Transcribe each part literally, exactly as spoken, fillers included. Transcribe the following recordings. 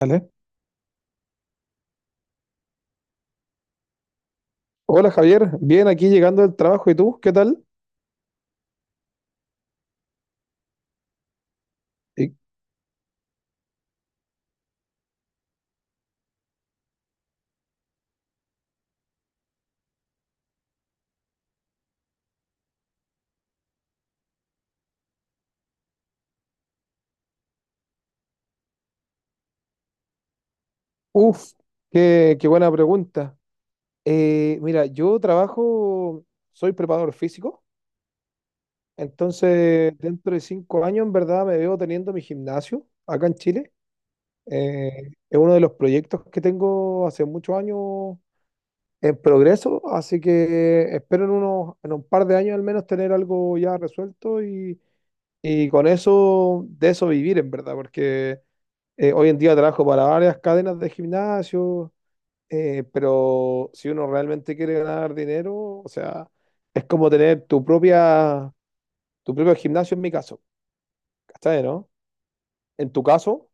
Dale. Hola Javier, bien aquí llegando del trabajo. ¿Y tú? ¿Qué tal? Y- Uf, qué, qué buena pregunta. Eh, mira, yo trabajo, soy preparador físico, entonces dentro de cinco años en verdad me veo teniendo mi gimnasio acá en Chile. Eh, es uno de los proyectos que tengo hace muchos años en progreso, así que espero en unos, en un par de años al menos tener algo ya resuelto y, y con eso, de eso vivir en verdad, porque... Eh, hoy en día trabajo para varias cadenas de gimnasio, eh, pero si uno realmente quiere ganar dinero, o sea, es como tener tu propia, tu propio gimnasio en mi caso, ¿cachai, no? En tu caso,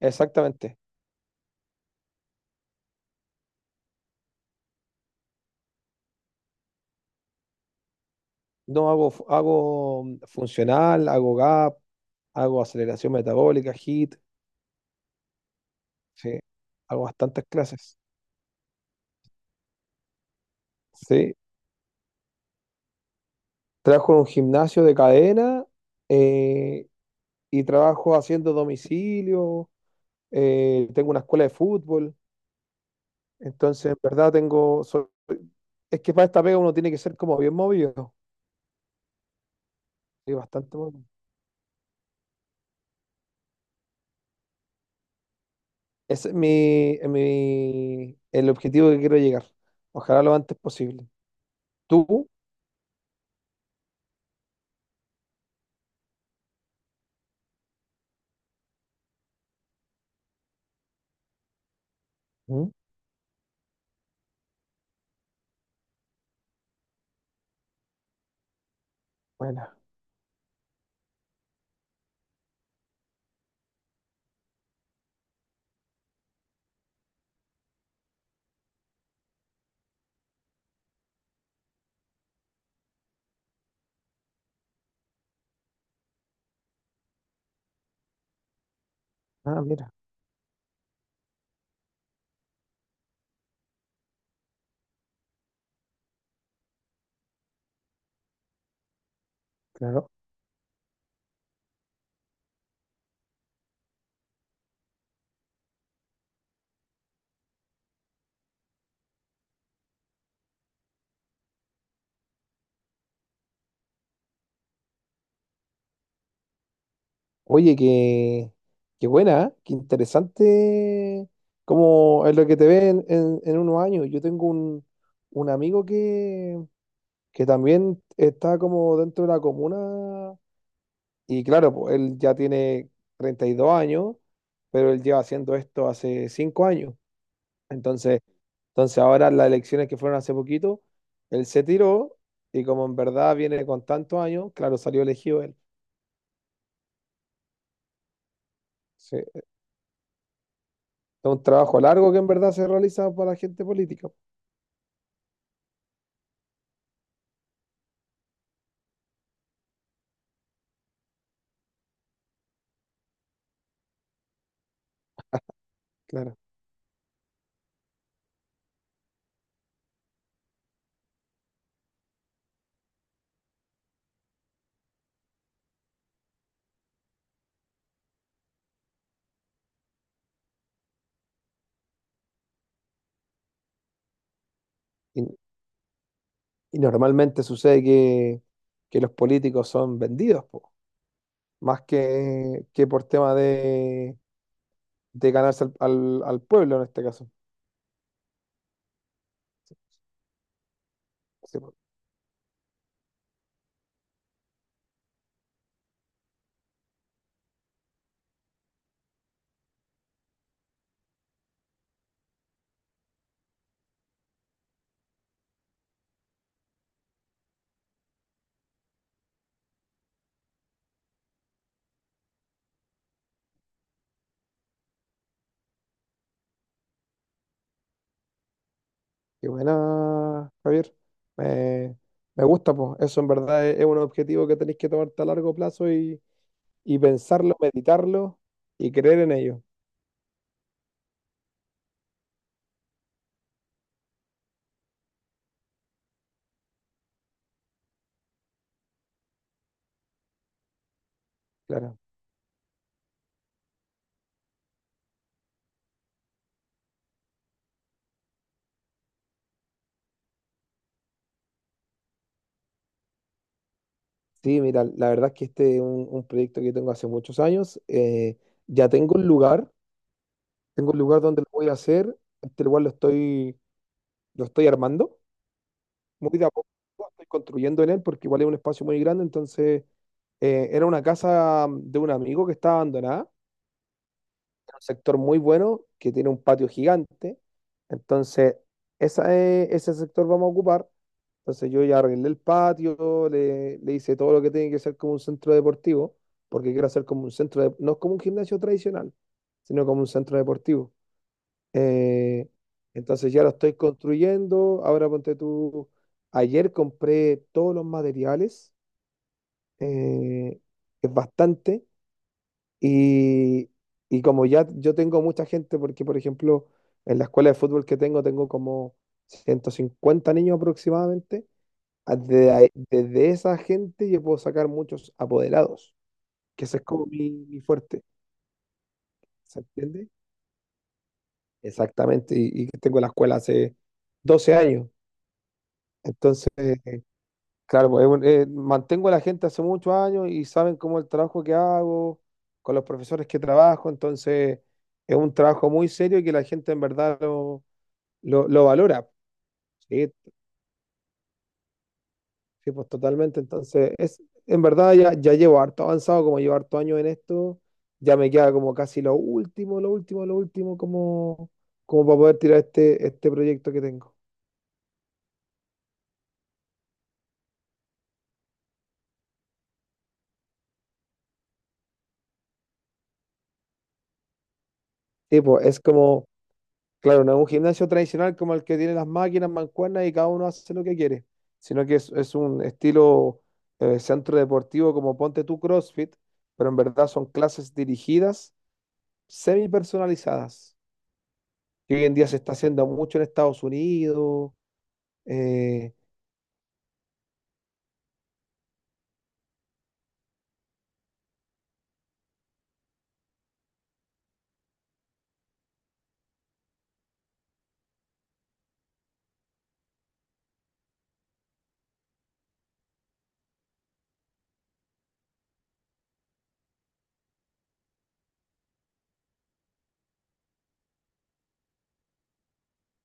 exactamente. No hago, fu- hago mm, funcional, hago gap, hago aceleración metabólica, H I I T, sí, hago bastantes clases. Sí, trabajo en un gimnasio de cadena eh, y trabajo haciendo domicilio, eh, tengo una escuela de fútbol. Entonces, en verdad tengo... soy- es que para esta pega uno tiene que ser como bien movido. Y bastante movido. Ese es mi, es mi- el objetivo que quiero llegar. Ojalá lo antes posible. ¿Tú? Mm, buena. Ah, mira, claro. Oye, qué, qué buena, ¿eh? Qué interesante. Como es lo que te ve en, en- en unos años. Yo tengo un, un amigo que, que también está como dentro de la comuna. Y claro, pues, él ya tiene treinta y dos años, pero él lleva haciendo esto hace cinco años. Entonces, entonces ahora las elecciones que fueron hace poquito, él se tiró y como en verdad viene con tantos años, claro, salió elegido él. Sí, es un trabajo largo que en verdad se realiza para la gente política, claro. Y, y normalmente sucede que, que los políticos son vendidos, po, más que, que por tema de, de ganarse al, al al pueblo en este caso. Sí, qué buena, Javier. Me, me gusta, pues. Eso en verdad es, es un objetivo que tenéis que tomarte a largo plazo y, y pensarlo, meditarlo y creer en ello. Claro. Sí, mira, la verdad es que este es un, un, proyecto que tengo hace muchos años. Eh, ya tengo un lugar, tengo un lugar donde lo voy a hacer. Este lugar lo estoy, lo estoy armando, muy de a poco. Estoy construyendo en él porque igual es un espacio muy grande. Entonces, eh, era una casa de un amigo que estaba abandonada, un sector muy bueno que tiene un patio gigante. Entonces, esa, es- ese sector vamos a ocupar. Entonces, yo ya arreglé el patio, le, le hice todo lo que tiene que ser como un centro deportivo, porque quiero hacer como un centro, de- no es como un gimnasio tradicional, sino como un centro deportivo. Eh, entonces, ya lo estoy construyendo. Ahora ponte tú, ayer compré todos los materiales, eh, es bastante. Y, y como ya yo tengo mucha gente, porque por ejemplo, en la escuela de fútbol que tengo, tengo como ciento cincuenta niños aproximadamente. a- de ahí- Desde, esa gente yo puedo sacar muchos apoderados, que ese es como mi, mi fuerte, ¿se entiende? Exactamente, y, y tengo la escuela hace doce años. Entonces, claro, pues, es un- eh, mantengo a la gente hace muchos años y saben cómo el trabajo que hago, con los profesores que trabajo, entonces es un trabajo muy serio y que la gente en verdad lo, lo, lo valora. Sí, sí, pues totalmente. Entonces, es, en verdad ya, ya llevo harto avanzado, como llevo harto años en esto, ya me queda como casi lo último, lo último, lo último, como, como para poder tirar este, este proyecto que tengo. Sí, pues es como... Claro, no es un gimnasio tradicional como el que tiene las máquinas, mancuernas y cada uno hace lo que quiere, sino que es, es un estilo eh, centro deportivo como ponte tú CrossFit, pero en verdad son clases dirigidas, semi personalizadas, que hoy en día se está haciendo mucho en Estados Unidos. Eh,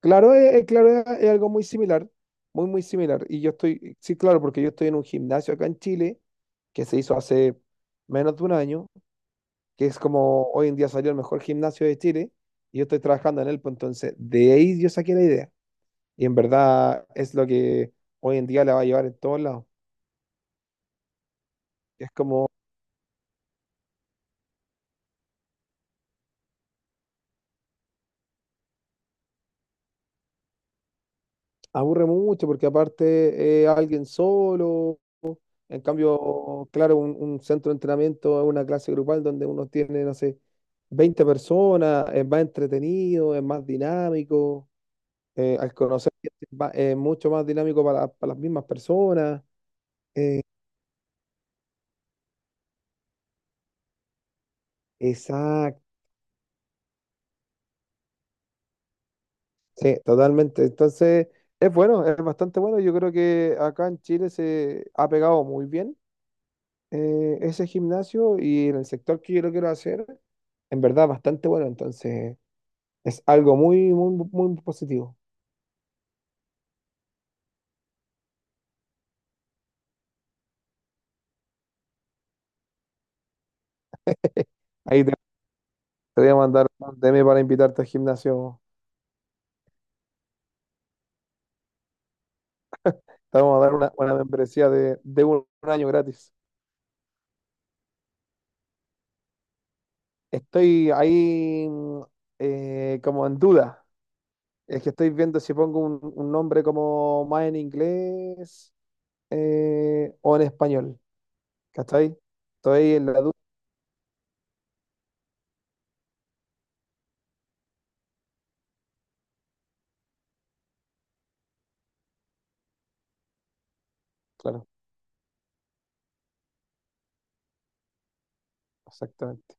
claro, es, es- claro, es, es algo muy similar, muy, muy similar. Y yo estoy, sí, claro, porque yo estoy en un gimnasio acá en Chile que se hizo hace menos de un año, que es como hoy en día salió el mejor gimnasio de Chile y yo estoy trabajando en él, pues entonces de ahí yo saqué la idea. Y en verdad es lo que hoy en día la va a llevar en todos lados. Es como, aburre mucho porque aparte eh, alguien solo, en cambio, claro, un, un centro de entrenamiento es una clase grupal donde uno tiene, no sé, veinte personas, es más entretenido, es más dinámico, eh, al conocer gente es va- es mucho más dinámico para, para las mismas personas. Eh, exacto. Sí, totalmente. Entonces, es bueno, es bastante bueno. Yo creo que acá en Chile se ha pegado muy bien eh, ese gimnasio y en el sector que yo lo quiero hacer, en verdad, bastante bueno. Entonces, es algo muy, muy, muy positivo. Ahí te, te voy a mandar un D M para invitarte al gimnasio. Te vamos a dar una, una membresía de, de un, un año gratis. Estoy ahí mm, eh, como en duda. Es que estoy viendo si pongo un, un nombre como más en inglés eh, o en español, ¿cachai? Estoy en la duda, claro, exactamente.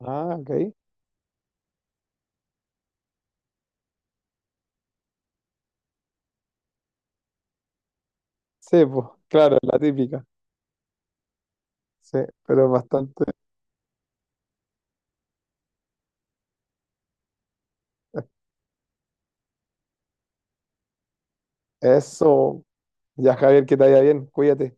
Ah, ok. Sí, pues, claro, la típica. Sí, pero bastante. Eso. Ya, Javier, que te vaya bien, cuídate.